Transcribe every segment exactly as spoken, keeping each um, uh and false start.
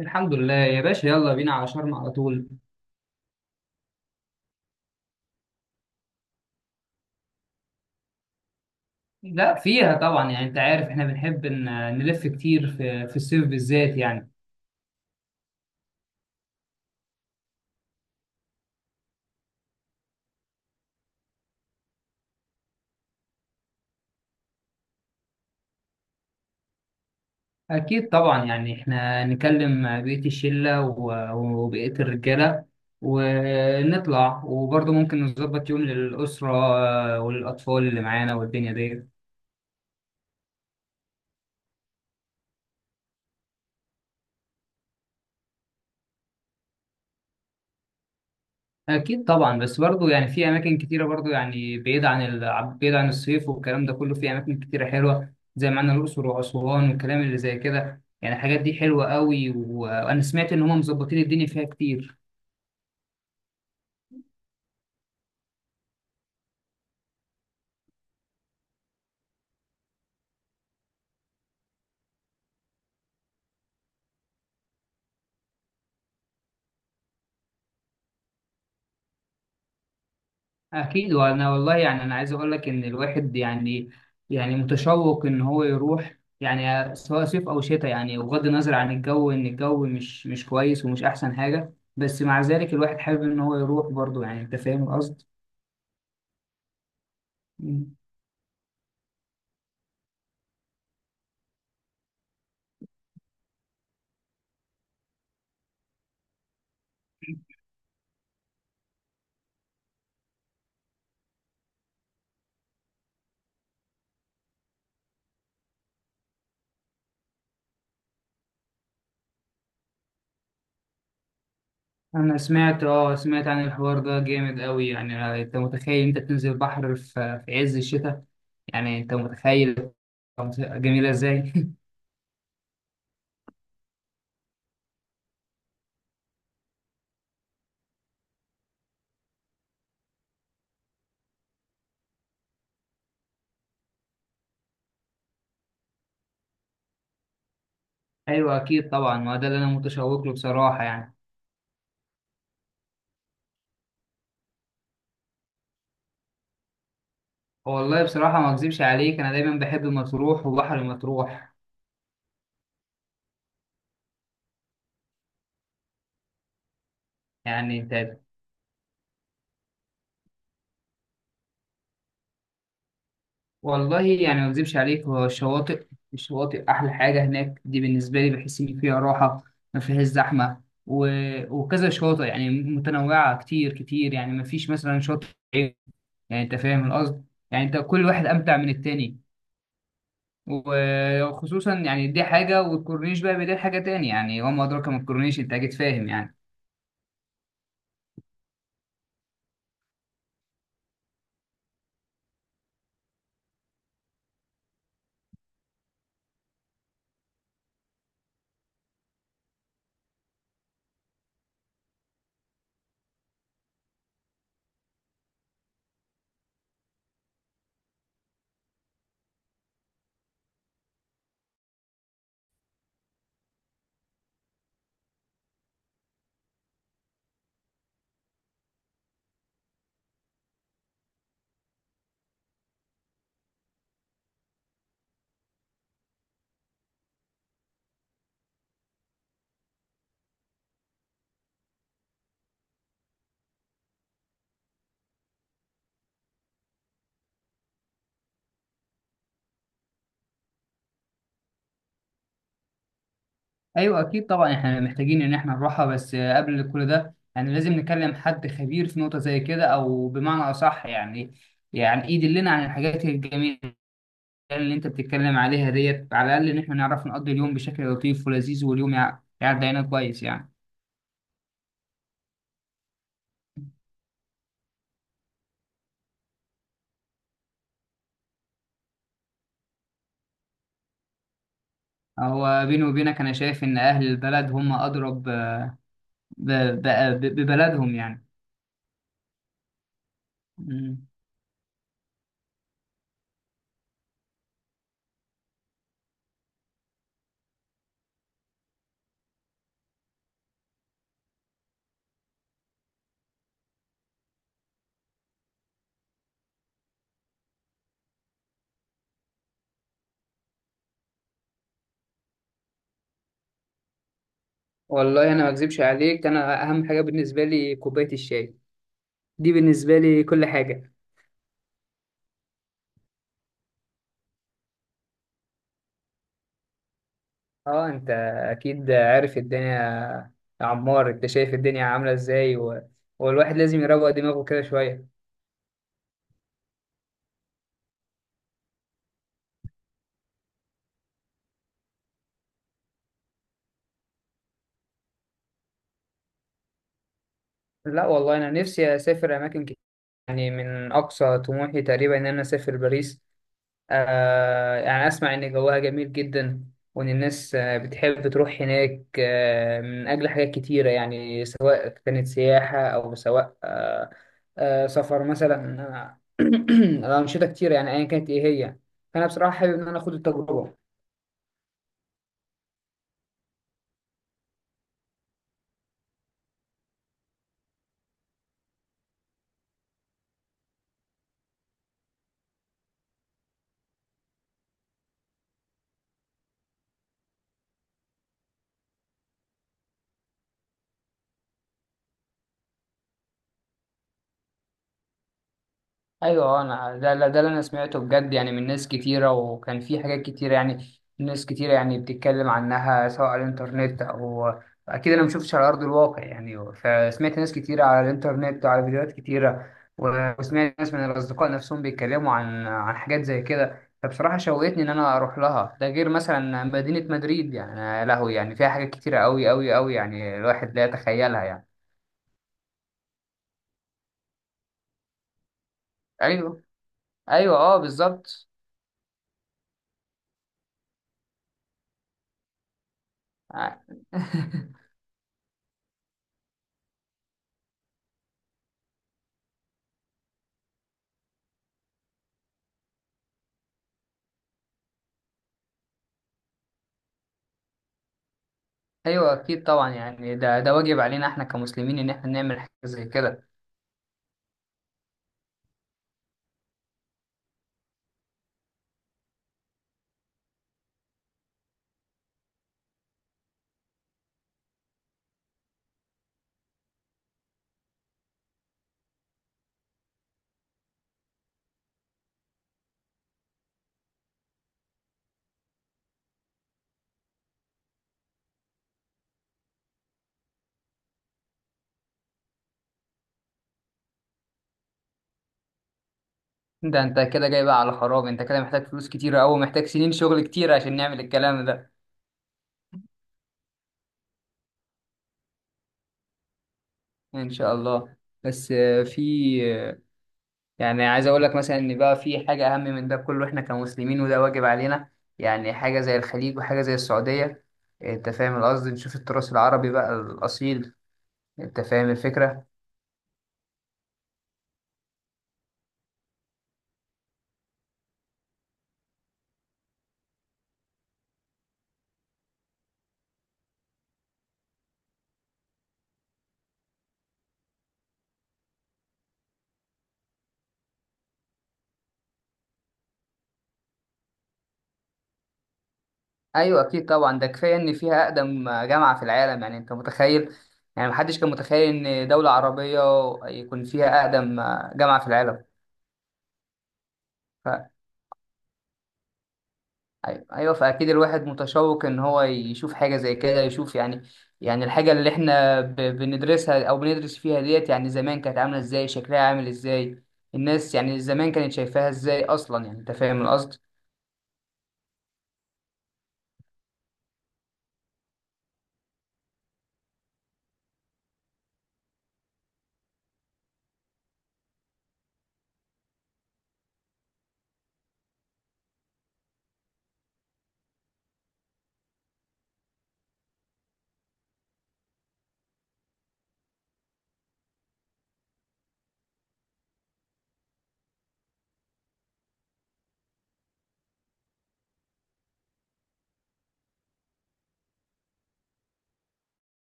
الحمد لله يا باشا، يلا بينا على شرم على طول. لا فيها طبعا، يعني انت عارف احنا بنحب ن- نلف كتير في في الصيف بالذات يعني. اكيد طبعا، يعني احنا نكلم بقية الشلة و- وبقية الرجالة ونطلع، وبرضه ممكن نظبط يوم للأسرة والأطفال اللي معانا والدنيا دي. أكيد طبعا، بس برضه يعني في أماكن كتيرة، برضه يعني بعيد عن ال... بعيد عن الصيف والكلام ده كله. في أماكن كتيرة حلوة زي ما عندنا الأقصر وأسوان والكلام اللي زي كده، يعني الحاجات دي حلوة قوي، و- وأنا سمعت إن هم مظبطين الدنيا فيها كتير. أكيد، وأنا والله يعني أنا عايز أقول لك إن الواحد يعني يعني متشوق إن هو يروح، يعني سواء صيف أو شتاء، يعني بغض النظر عن الجو، إن الجو مش مش كويس ومش أحسن حاجة، بس مع ذلك الواحد حابب إن هو يروح برضه، يعني أنت فاهم القصد؟ مم. أنا سمعت أه سمعت عن الحوار ده، جامد أوي. يعني أنت متخيل أنت تنزل بحر في في عز الشتاء؟ يعني أنت متخيل. جميلة إزاي؟ أيوه، أكيد طبعا، ما ده اللي أنا متشوق له بصراحة يعني. والله بصراحة ما أكذبش عليك، أنا دايما بحب مطروح وبحر مطروح. يعني أنت. والله يعني ما أكذبش عليك، هو الشواطئ الشواطئ أحلى حاجة هناك، دي بالنسبة لي بحس إن فيها راحة، ما فيهاش زحمة، و... وكذا شواطئ يعني متنوعة كتير كتير، يعني ما فيش مثلا شاطئ عيب. يعني أنت فاهم القصد، يعني أنت كل واحد أمتع من التاني. وخصوصا يعني دي حاجة، والكورنيش بقى بدي حاجة تاني يعني، وما أدراك ما الكورنيش، أنت أكيد فاهم يعني. ايوه، اكيد طبعا، احنا محتاجين ان احنا نروحها، بس قبل كل ده يعني لازم نكلم حد خبير في نقطه زي كده، او بمعنى اصح يعني يعني يدلنا عن الحاجات الجميله اللي انت بتتكلم عليها ديت، على الاقل ان احنا نعرف نقضي اليوم بشكل لطيف ولذيذ، واليوم يع- يعدي علينا كويس يعني. هو بيني وبينك انا شايف ان اهل البلد هم اضرب ب- ب- ب- ببلدهم يعني. مم. والله انا ما اكذبش عليك، انا اهم حاجه بالنسبه لي كوبايه الشاي. دي بالنسبه لي كل حاجه. اه، انت اكيد عارف الدنيا يا عمار، انت شايف الدنيا عامله ازاي، و... والواحد لازم يروق دماغه كده شويه. لا والله، انا نفسي اسافر اماكن كتير. يعني من اقصى طموحي تقريبا ان انا اسافر باريس. آه يعني اسمع ان جوها جميل جدا، وان الناس آه، بتحب تروح هناك آه من اجل حاجات كتيره يعني، سواء كانت سياحه او سواء آه آه سفر مثلا. آه، انشطه كتيره، يعني ايا كانت ايه هي، فانا بصراحه حابب ان انا اخد التجربه. ايوه، آه، انا ده ده ده اللي انا سمعته بجد، يعني من ناس كتيره، وكان في حاجات كتيره، يعني ناس كتيره يعني بتتكلم عنها سواء على الانترنت او اكيد انا ما شفتش على ارض الواقع يعني. فسمعت ناس كتيره على الانترنت وعلى فيديوهات كتيره، و- وسمعت ناس من الاصدقاء نفسهم بيتكلموا عن عن حاجات زي كده، فبصراحه شوقتني ان انا اروح لها. ده غير مثلا مدينه مدريد، يعني يا لهوي، يعني فيها حاجات كتيره قوي قوي قوي، يعني الواحد لا يتخيلها يعني. ايوه، ايوه، اه، بالظبط. ايوه، اكيد طبعا يعني ده ده واجب علينا احنا كمسلمين ان احنا نعمل حاجه زي كده. ده انت كده جاي بقى على خراب! انت كده محتاج فلوس كتيره قوي، محتاج سنين شغل كتيره عشان نعمل الكلام ده. ان شاء الله. بس آه، في آه، يعني عايز اقول لك مثلا ان بقى في حاجه اهم من ده كله، احنا كمسلمين وده واجب علينا. يعني حاجه زي الخليج وحاجه زي السعوديه، انت فاهم القصد، نشوف التراث العربي بقى الاصيل، انت فاهم الفكره. ايوه، اكيد طبعا، ده كفايه ان فيها اقدم جامعه في العالم، يعني انت متخيل؟ يعني محدش كان متخيل ان دوله عربيه يكون فيها اقدم جامعه في العالم. ف... ايوه، ايوه، فاكيد الواحد متشوق ان هو يشوف حاجه زي كده، يشوف يعني يعني الحاجه اللي احنا ب... بندرسها او بندرس فيها ديت، يعني زمان كانت عامله ازاي، شكلها عامل ازاي. الناس يعني زمان كانت شايفاها ازاي اصلا، يعني انت فاهم القصد.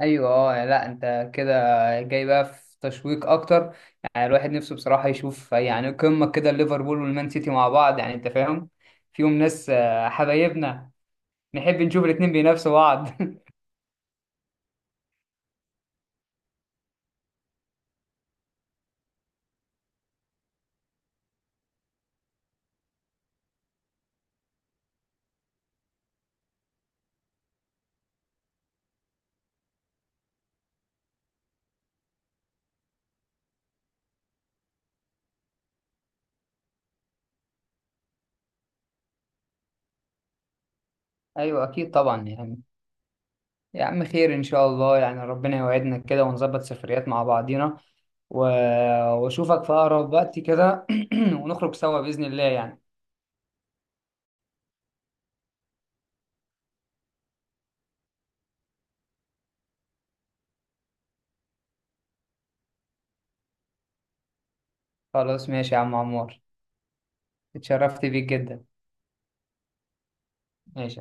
ايوه، اه، يعني لا انت كده جاي بقى في تشويق اكتر. يعني الواحد نفسه بصراحه يشوف يعني قمه كده ليفربول والمان سيتي مع بعض، يعني انت فاهم، فيهم ناس آه، حبايبنا، نحب نشوف الاتنين بينافسوا بعض. ايوه، اكيد طبعا يعني. يا عم خير ان شاء الله، يعني ربنا يوعدنا كده ونظبط سفريات مع بعضينا و... واشوفك في اقرب وقت كده، ونخرج سوا باذن الله يعني. خلاص، ماشي يا عم عمار، اتشرفت بيك جدا. ماشي.